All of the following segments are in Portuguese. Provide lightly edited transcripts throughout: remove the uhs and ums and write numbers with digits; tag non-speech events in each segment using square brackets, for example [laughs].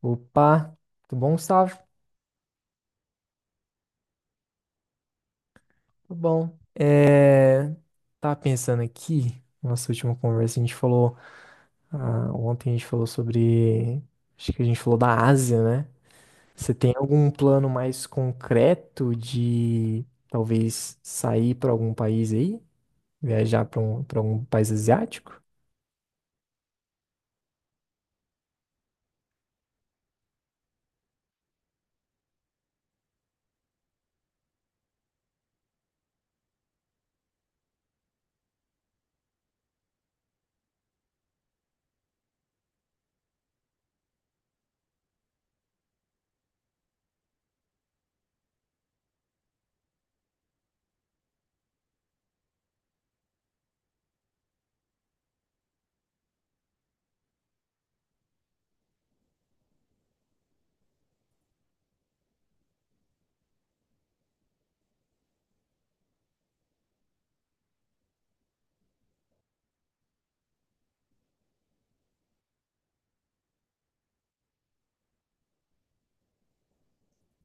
Opa, tudo bom, Gustavo? Tudo bom. Tava pensando aqui, nossa última conversa, a gente falou, ah, ontem a gente falou sobre, acho que a gente falou da Ásia, né? Você tem algum plano mais concreto de talvez sair para algum país aí? Viajar para algum país asiático?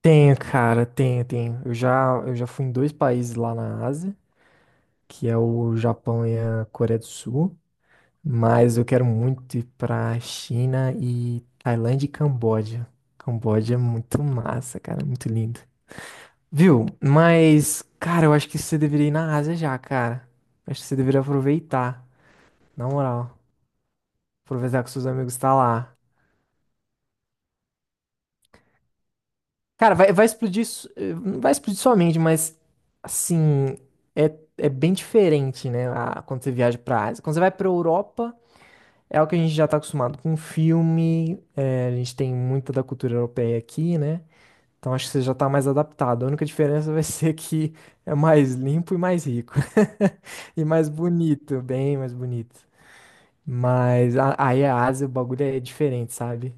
Tenho, cara, tenho, tenho. Eu já fui em dois países lá na Ásia, que é o Japão e a Coreia do Sul. Mas eu quero muito ir pra China e Tailândia e Camboja. Camboja é muito massa, cara, muito lindo. Viu? Mas, cara, eu acho que você deveria ir na Ásia já, cara. Eu acho que você deveria aproveitar, na moral. Aproveitar que seus amigos tá lá. Cara, vai explodir, não vai explodir sua mente, mas, assim, é bem diferente, né, a- quando você viaja pra Ásia. Quando você vai pra Europa. É algo que a gente já está acostumado com filme, é, a gente tem muita da cultura europeia aqui, né? Então acho que você já está mais adaptado. A única diferença [laughs] vai ser que é mais limpo e mais rico. [laughs] E mais bonito, bem mais bonito. Mas a- aí a Ásia, o bagulho é diferente, sabe?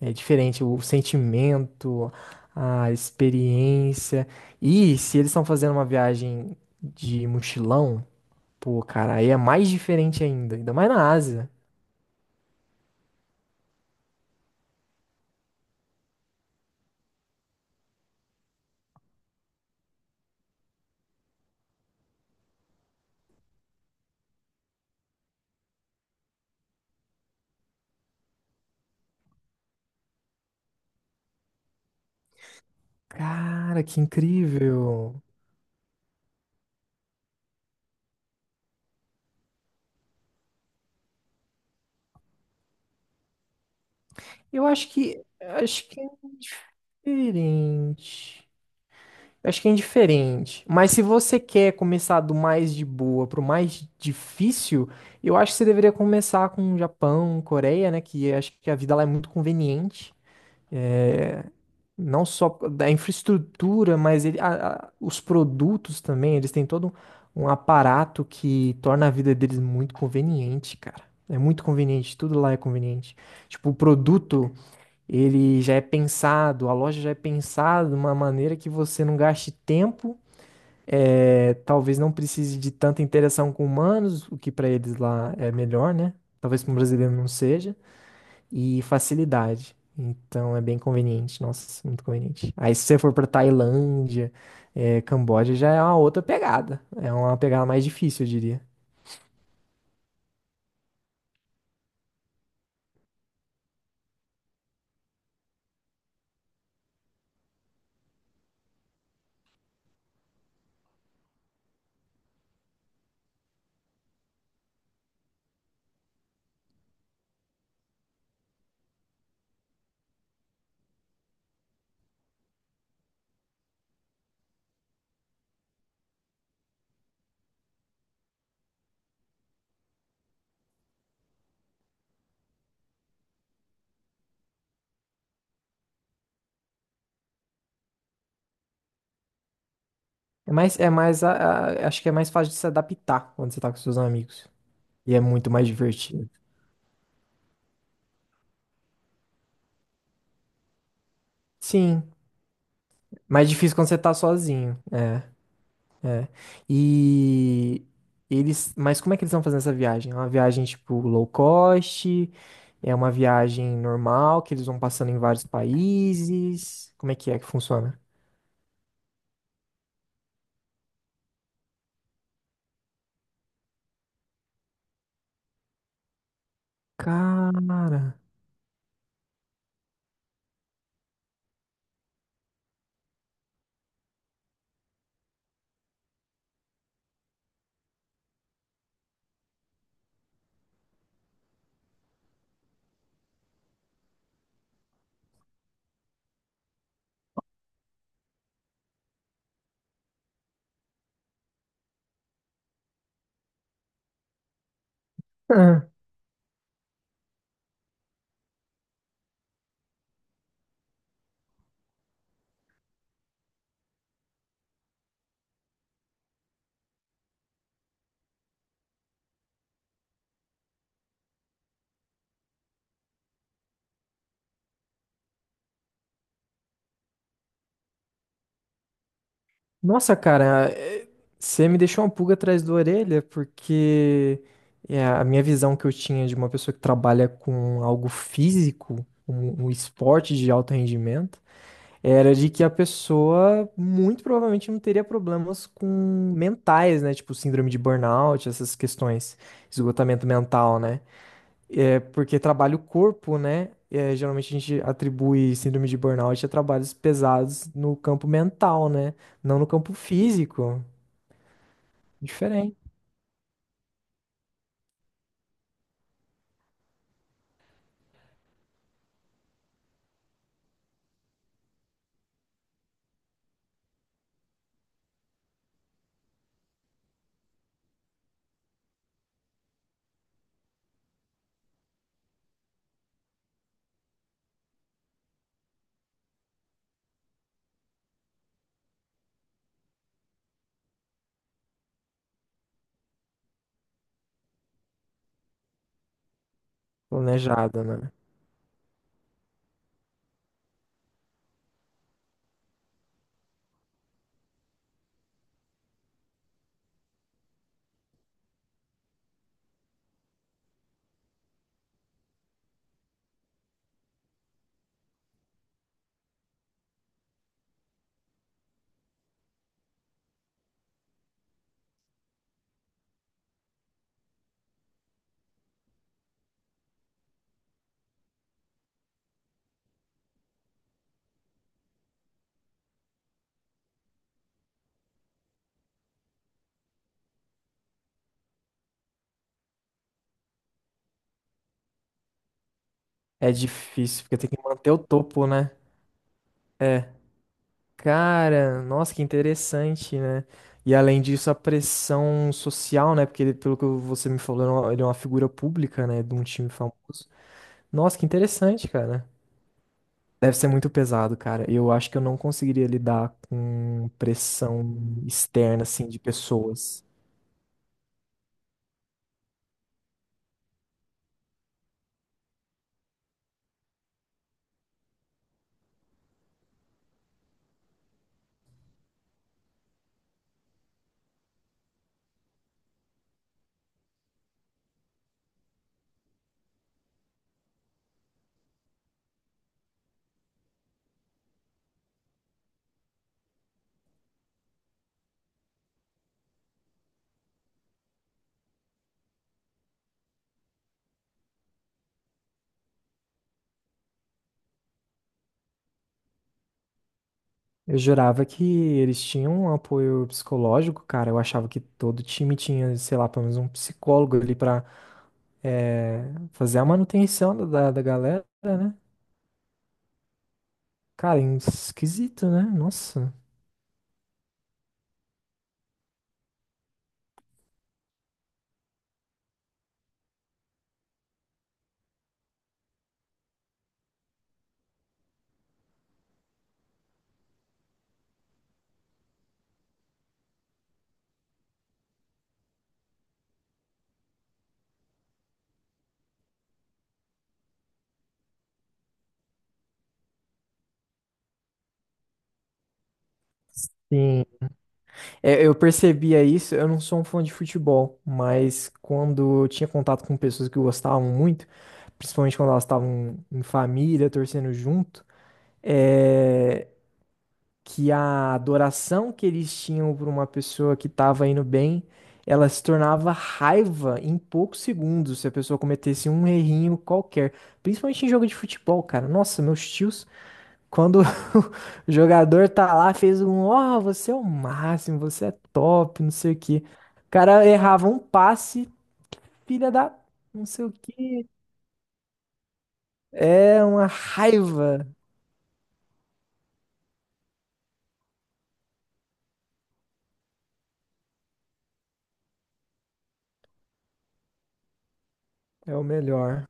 É diferente o sentimento, a experiência. E se eles estão fazendo uma viagem de mochilão, pô, cara, aí é mais diferente ainda, ainda mais na Ásia. Cara, que incrível. Eu acho que é diferente. Acho que é indiferente. Mas se você quer começar do mais de boa pro mais difícil, eu acho que você deveria começar com Japão, Coreia, né? Que acho que a vida lá é muito conveniente. Não só da infraestrutura, mas ele, a- os produtos também, eles têm todo um, um aparato que torna a vida deles muito conveniente, cara. É muito conveniente, tudo lá é conveniente. Tipo, o produto, ele já é pensado, a loja já é pensada de uma maneira que você não gaste tempo, é, talvez não precise de tanta interação com humanos, o que pra eles lá é melhor, né? Talvez para um brasileiro não seja e facilidade. Então é bem conveniente, nossa, muito conveniente. Aí se você for pra Tailândia, Camboja já é uma outra pegada. É uma pegada mais difícil, eu diria. É mais, é mais, a- acho que é mais fácil de se adaptar quando você tá com seus amigos. E é muito mais divertido. Sim, mais difícil quando você tá sozinho. É. É. E eles, mas como é que eles estão fazendo essa viagem? É uma viagem tipo low cost? É uma viagem normal que eles vão passando em vários países? Como é que funciona? Cara. Ah, nossa, cara, é, você me deixou uma pulga atrás da orelha porque é, a minha visão que eu tinha de uma pessoa que trabalha com algo físico, um esporte de alto rendimento era de que a pessoa muito provavelmente não teria problemas com mentais, né? Tipo síndrome de burnout, essas questões, esgotamento mental, né? É porque trabalha o corpo, né? É, geralmente a gente atribui síndrome de burnout a trabalhos pesados no campo mental, né? Não no campo físico. Diferente. Planejado, né? É difícil, porque tem que manter o topo, né? É. Cara, nossa, que interessante, né? E além disso, a pressão social, né? Porque ele, pelo que você me falou, ele é uma figura pública, né? De um time famoso. Nossa, que interessante, cara. Deve ser muito pesado, cara. Eu acho que eu não conseguiria lidar com pressão externa, assim, de pessoas. Eu jurava que eles tinham um apoio psicológico, cara. Eu achava que todo time tinha, sei lá, pelo menos um psicólogo ali pra eh, fazer a manutenção da da galera, né? Cara, esquisito, né? Nossa. Sim. É, eu percebia isso, eu não sou um fã de futebol, mas quando eu tinha contato com pessoas que gostavam muito, principalmente quando elas estavam em família, torcendo junto, é, que a adoração que eles tinham por uma pessoa que estava indo bem, ela se tornava raiva em poucos segundos se a pessoa cometesse um errinho qualquer, principalmente em jogo de futebol, cara. Nossa, meus tios. Quando [laughs] o jogador tá lá, fez um, ó, você é o máximo, você é top, não sei o quê. O cara errava um passe, filha da, não sei o quê. É uma raiva, é o melhor.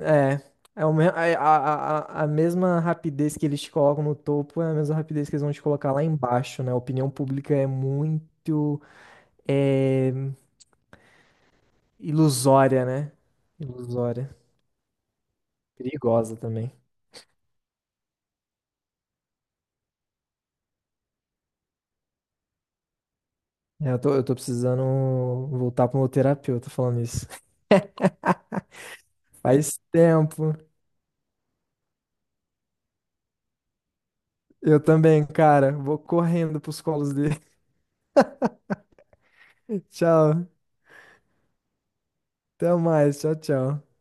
É, a, a mesma rapidez que eles te colocam no topo, é a mesma rapidez que eles vão te colocar lá embaixo, né? A opinião pública é muito é, ilusória, né? Ilusória. Perigosa também. É, eu tô precisando voltar pro meu terapeuta falando isso. [laughs] Faz tempo. Eu também, cara. Vou correndo pros colos dele. [laughs] Tchau. Até mais. Tchau, tchau.